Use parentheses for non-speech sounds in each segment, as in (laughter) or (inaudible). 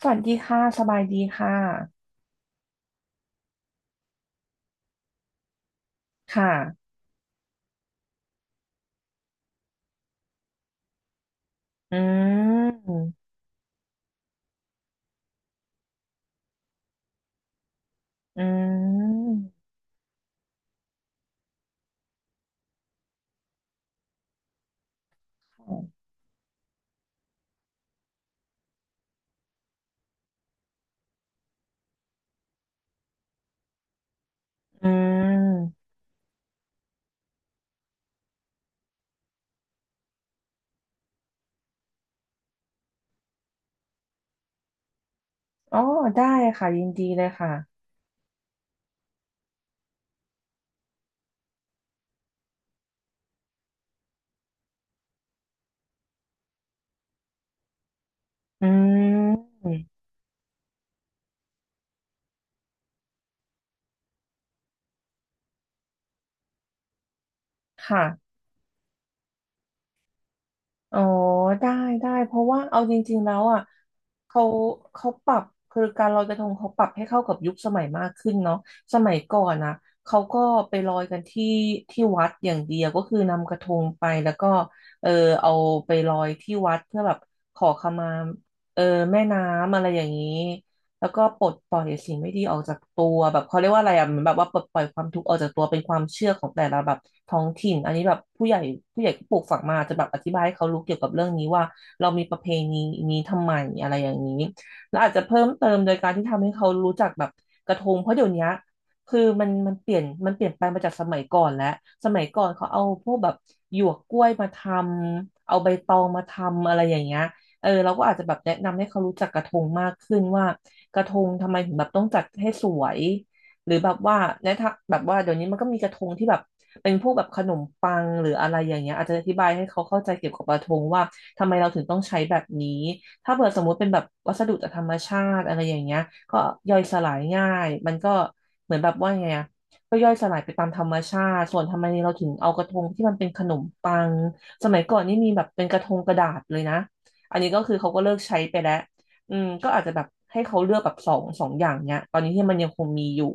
สวัสดีค่ะสบายดีค่ะค่ะอืมอืมค่ะอืมอ๋อได้ค่ะยินดีเลยค่ะอืมค่ะ อ๋อได้ได้เพราะว่าเอาจริงๆแล้วอ่ะเขาเขาปรับคือการลอยกระทงเขาปรับให้เข้ากับยุคสมัยมากขึ้นเนาะสมัยก่อนนะเขาก็ไปลอยกันที่วัดอย่างเดียวก็คือนำกระทงไปแล้วก็เออเอาไปลอยที่วัดเพื่อแบบขอขมาเออแม่น้ำอะไรอย่างนี้ แล้วก็ปลดปล่อยสิ่งไม่ดีออกจากตัวแบบเขาเรียกว่าอะไรอ่ะเหมือนแบบว่าปลดปล่อยความทุกข์ออกจากตัวเป็นความเชื่อของแต่ละแบบท้องถิ่นอันนี้แบบผู้ใหญ่ก็ปลูกฝังมาจะแบบอธิบายให้เขารู้เกี่ยวกับเรื่องนี้ว่าเรามีประเพณีนี้ทำไมอะไรอย่างนี้แล้วอาจจะเพิ่มเติมโดยการที่ทำให้เขารู้จักแบบกระทงเพราะเดี๋ยวนี้คือมันเปลี่ยนมันเปลี่ยนไปมาจากสมัยก่อนแล้วสมัยก่อนเขาเอาพวกแบบหยวกกล้วยมาทำเอาใบตองมาทำอะไรอย่างเงี้ย เออเราก็อาจจะแบบแนะนำให้เขารู้จักกระทงมากขึ้นว่ากระทงทำไมถึงแบบต้องจัดให้สวยหรือแบบว่าในทางแบบว่าเดี๋ยวนี้มันก็มีกระทงที่แบบเป็นพวกแบบขนมปังหรืออะไรอย่างเงี้ยอาจจะอธิบายให้เขาเข้าใจเกี่ยวกับกระทงว่าทำไมเราถึงต้องใช้แบบนี้ถ้าเผื่อสมมุติเป็นแบบวัสดุจากธรรมชาติอะไรอย่างเงี้ยก็ย่อยสลายง่ายมันก็เหมือนแบบว่าไงอะก็ย่อยสลายไปตามธรรมชาติส่วนทำไมเราถึงเอากระทงที่มันเป็นขนมปังสมัยก่อนนี่มีแบบเป็นกระทงกระดาษเลยนะ อันนี้ก็คือเขาก็เลิกใช้ไปแล้วอืมก็อาจจะแบบให้เขาเลือกแบบสองอย่างเนี้ยตอนนี้ที่มันยังคงมีอยู่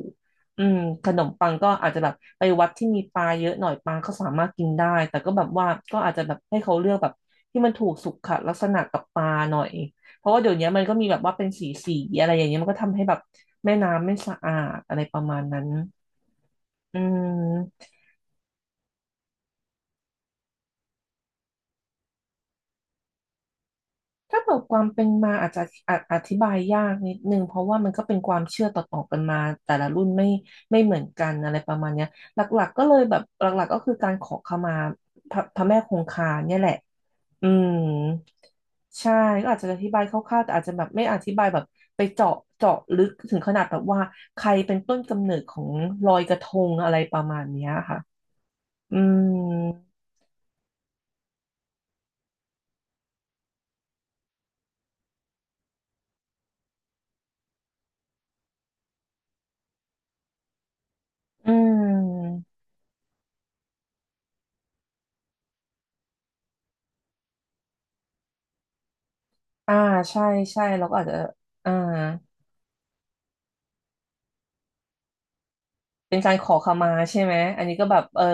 อืมขนมปังก็อาจจะแบบไปวัดที่มีปลาเยอะหน่อยปลาก็สามารถกินได้แต่ก็แบบว่าก็อาจจะแบบให้เขาเลือกแบบที่มันถูกสุขลักษณะกับปลาหน่อยเพราะว่าเดี๋ยวนี้มันก็มีแบบว่าเป็นสีอะไรอย่างเงี้ยมันก็ทำให้แบบแม่น้ำไม่สะอาดอะไรประมาณนั้นอืม ถ้าเกิดความเป็นมาอาจจะออธิบายยากนิดนึงเพราะว่ามันก็เป็นความเชื่อต่อๆกันมาแต่ละรุ่นไม่เหมือนกันอะไรประมาณเนี้ยหลักๆก็เลยแบบหลักๆก็คือการขอขมาพระแม่คงคาเนี่ยแหละอืมใช่ก็อาจจะอธิบายคร่าวๆแต่อาจจะแบบไม่อธิบายแบบไปเจาะลึกถึงขนาดแบบว่าใครเป็นต้นกำเนิดของลอยกระทงอะไรประมาณเนี้ยค่ะอืมอืมอ่าใช่ใช่เราก็อาจจะอ่า เป็นการขอขมาใช่ไหมอันนี้ก็แบบเออ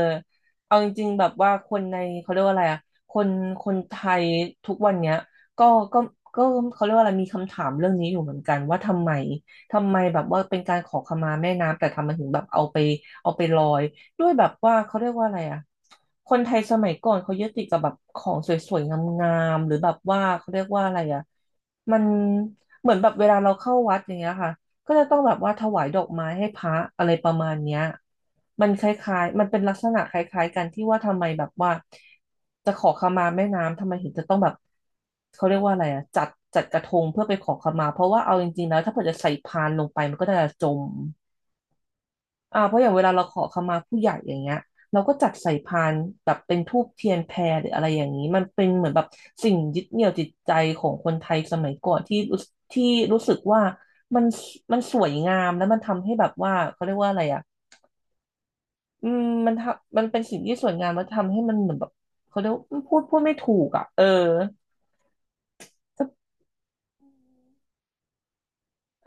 เอาจริงๆแบบว่าคนในเขาเรียกว่าอะไรอะคนคนไทยทุกวันเนี้ยก็ก็ก็เขาเรียกว่าอะไรมีคำถามเรื่องนี้อยู่เหมือนกันว่าทำไมแบบว่าเป็นการขอขมาแม่น้ำแต่ทำไมถึงแบบเอาไปเอาไปลอยด้วยแบบว่าเขาเรียกว่าอะไรอะคนไทยสมัยก่อนเขายึดติดกับแบบของสวยๆงามๆหรือแบบว่าเขาเรียกว่าอะไรอะมันเหมือนแบบเวลาเราเข้าวัดอย่างเงี้ยค่ะ ก็จะต้องแบบว่าถวายดอกไม้ให้พระอะไรประมาณเนี้ยมันคล้ายๆมันเป็นลักษณะคล้ายๆกันที่ว่าทำไมแบบว่าจะขอขมาแม่น้ำทำไมถึงจะต้องแบบเขาเรียกว่าอะไรอะจัดกระทงเพื่อไปขอขมาเพราะว่าเอาจริงๆแล้วถ้าเกิดจะใส่พานลงไปมันก็จะจม อ่าเพราะอย่างเวลาเราขอขมาผู้ใหญ่อย่างเงี้ยเราก็จัดใส่พานแบบเป็นธูปเทียนแพหรืออะไรอย่างนี้มันเป็นเหมือนแบบสิ่งยึดเหนี่ยวจิตใจของคนไทยสมัยก่อนที่รู้สึกว่ามันมันสวยงามแล้วมันทำให้แบบว่าเขาเรียกว่าอะไรอ่ะอืมมันทำมันเป็นสิ่งที่สวยงามแล้วทำให้มันเหมือนแบบเขาเรียกว่าพูดไม่ถูกอ่ะเออ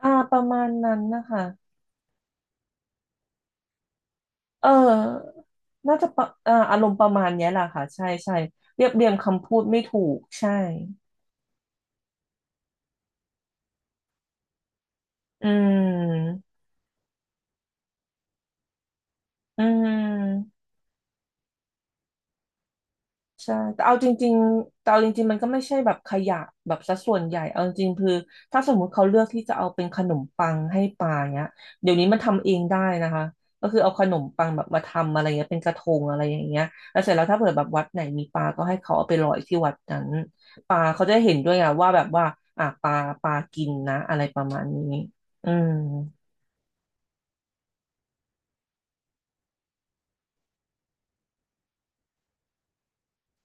อ่าประมาณนั้นนะคะเออน่าจะประอ่าอารมณ์ประมาณเนี้ยแหละค่ะใช่ใช่เรียบเรียงคำพูดไม่ถูกใช่ อืมอืมใช่แต่เอาจริงๆแต่เอาจริงๆ มันก็ไม่ใช่แบบขยะแบบสัดส่วนใหญ่ เอาจริงๆคือถ้าสมมุติเขาเลือกที่จะเอาเป็นขนมปังให้ปลาเนี้ยเดี๋ยวนี้มันทำเองได้นะคะ ก็คือเอาขนมปังแบบมาทำอะไรเงี้ยเป็นกระทงอะไรอย่างเงี้ยแล้วเสร็จแล้วถ้าเผื่อแบบวัดไหนมีปลาก็ให้เขาเอาไปลอยที่วัดนั้นปลาเขาจะเห็นด้วยไงว่าแบบว่าอ่ะปลาปลากินนะอะไรประมาณนี้อืม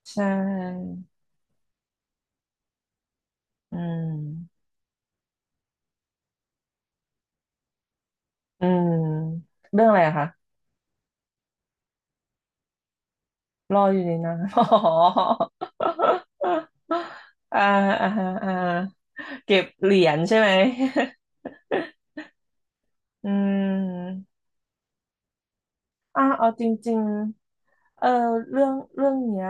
ใช่อืมอืมเรื่องอะไรอะคะ รออยู่ในนั้น (laughs) อ๋ออ่าอ่าอ่าเก็บเหรียญใช่ไหมอืมเอาจริงๆเออเรื่องเนี้ย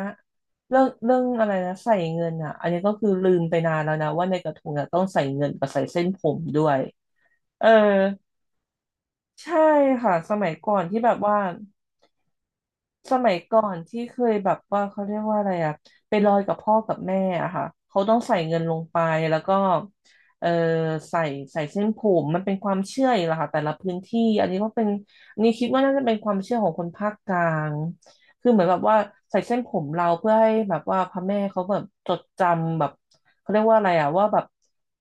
เรื่องอะไรนะใส่เงินอ่ะอันนี้ก็คือลืมไปนานแล้วนะว่าในกระทงอ่ะต้องใส่เงินกับใส่เส้นผมด้วยเออใช่ค่ะสมัยก่อนที่แบบว่า สมัยก่อนที่เคยแบบว่าเขาเรียกว่าอะไรอะไปลอยกับพ่อกับแม่อะค่ะเขาต้องใส่เงินลงไปแล้วก็เออใส่ใส่เส้นผมมันเป็นความเชื่ออีกละค่ะแต่ละพื้นที่อันนี้ก็เป็นอันนี้คิดว่าน่าจะเป็นความเชื่อของคนภาคกลางคือเหมือนแบบว่าใส่เส้นผมเราเพื่อให้แบบว่าพระแม่เขาแบบจดจำแบบเขาเรียกว่าอะไรอะว่าแบบ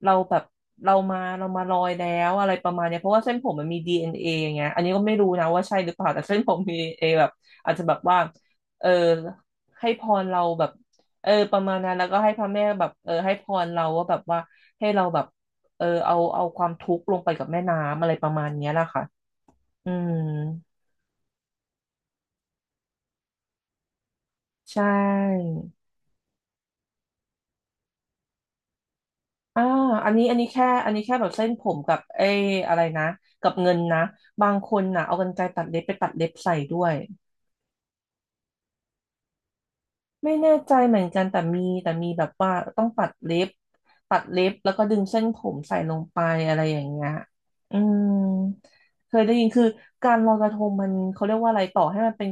เราแบบเรามาเรามาลอยแล้วอะไรประมาณเนี้ยเพราะว่าเส้นผมมันมีดีเอนเออย่างเงี้ยอันนี้ก็ไม่รู้นะว่าใช่หรือเปล่าแต่เส้นผมมี DNA แบบ อาจจะแบบว่าเออให้พรเราแบบเออประมาณนั้นแล้วก็ให้พระแม่แบบเออให้พรเราว่าแบบว่าให้เราแบบเออเอาเอาความทุกข์ลงไปกับแม่น้ำอะไรประมาณเนี้ยแหละค่ะอืมใช่อ่าอันนี้แค่แบบเส้นผมกับไอ้อะไรนะกับเงินนะบางคนนะเอากรรไกรตัดเล็บไปตัดเล็บใส่ด้วย ไม่แน่ใจเหมือนกันแต่มีแบบว่าต้องตัดเล็บตัดเล็บแล้วก็ดึงเส้นผมใส่ลงไปอะไรอย่างเงี้ยอืมเคยได้ยินคือการลอยกระทงมันเขาเรียกว่าอะไรต่อให้มันเป็น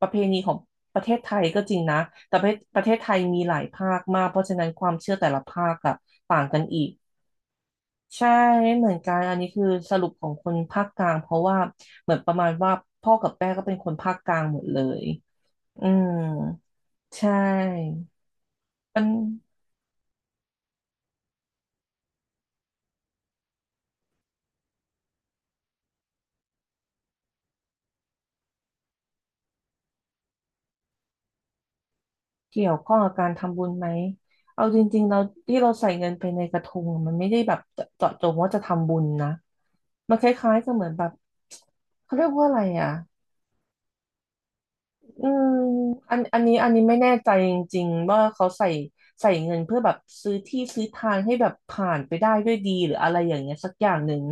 ประเพณีของประเทศไทยก็จริงนะแต่ประเทศไทยมีหลายภาคมากเพราะฉะนั้นความเชื่อแต่ละภาคอะต่างกันอีกใช่ไม่เหมือนกันอันนี้คือสรุปของคนภาคกลางเพราะว่าเหมือนประมาณว่าพ่อกับแม่ก็เป็นคนภาคกลางหมดเลยอืมใช่ มันเกี่ยวข้องกับการทำบุญไหม เอาจริงๆเราที่เราใส่เงินไปในกระทงมันไม่ได้แบบเจาะจงว่าจะทำบุญนะ มันคล้ายๆก็เหมือนแบบเขาเรียกว่าอะไรอ่ะ อืมอันนี้ไม่แน่ใจจริงๆว่าเขาใส่ใส่เงินเพื่อแบบซื้อที่ซื้อทางให้แบบผ่านไปได้ด้วยดีหรืออะไรอย่างเงี้ยสักอย่างหนึ่ง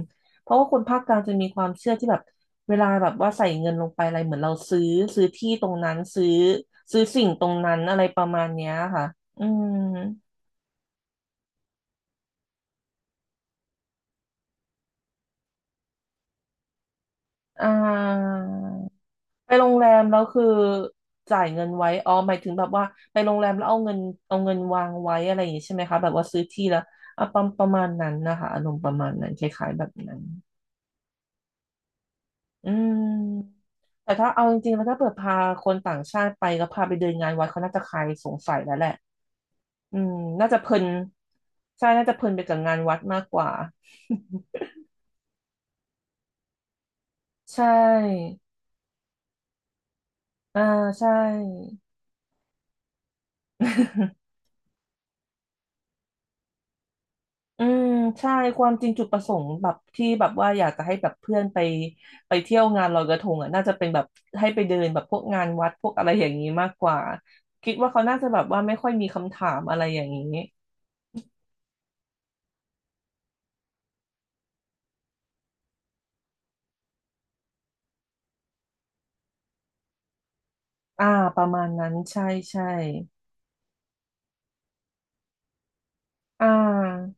เพราะว่าคนภาคกลางจะมีความเชื่อที่แบบเวลาแบบว่าใส่เงินลงไปอะไรเหมือนเราซื้อที่ตรงนั้นซื้อสิ่งตรงนั้นอะไรประมาณเนี้ยค่ะอืมอ่า ไปโรงแรมแล้วคือจ่ายเงินไว้อ๋อหมายถึงแบบว่าไปโรงแรมแล้วเอาเงินวางไว้อะไรอย่างนี้ใช่ไหมคะแบบว่าซื้อที่แล้วอ่ะประมาณนั้นนะคะอารมณ์ประมาณนั้นคล้ายๆแบบนั้นอืมแต่ถ้าเอาจริงๆแล้วถ้าเปิดพาคนต่างชาติไปก็พาไปเดินงานวัดเขาน่าจะคลายสงสัยแล้วแหละอืมน่าจะเพลินใช่น่าจะเพลินไปกับงานวัดมากกว่า (laughs) ใช่อ่าใช่ (laughs) อืมใช่ความจริงจุดประสงค์แบบที่แบบว่าอยากจะให้แบบเพื่อนไปเที่ยวงานลอยกระทงอ่ะน่าจะเป็นแบบให้ไปเดินแบบพวกงานวัดพวกอะไรอย่างนี้มากกว่าคิดว่าเขาน่าจะแบบว่าไม่ค่อยมีคำถามอะไรอย่างนี้อ่าประมาณนั้นใช่ใช่อ่า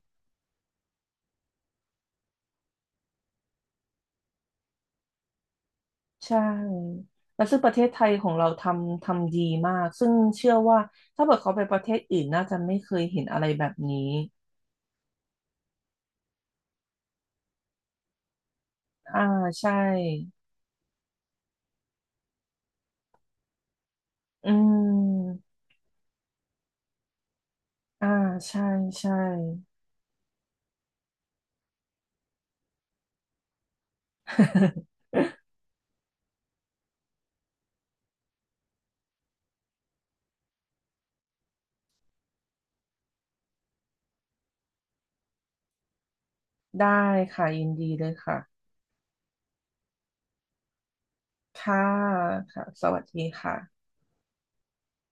ใช่แล้วซึ่งประเทศไทยของเราทำทำดีมากซึ่งเชื่อว่าถ้าเกิดเขาไปประเทศอื่นน่าจะไม่เคยเห็นอะไรแบบนี้อ่าใช่อืมอ่าใช่ใช่ (laughs) ได้ค่ะยินดีเลยค่ะค่ะค่ะสวัสดีค่ะ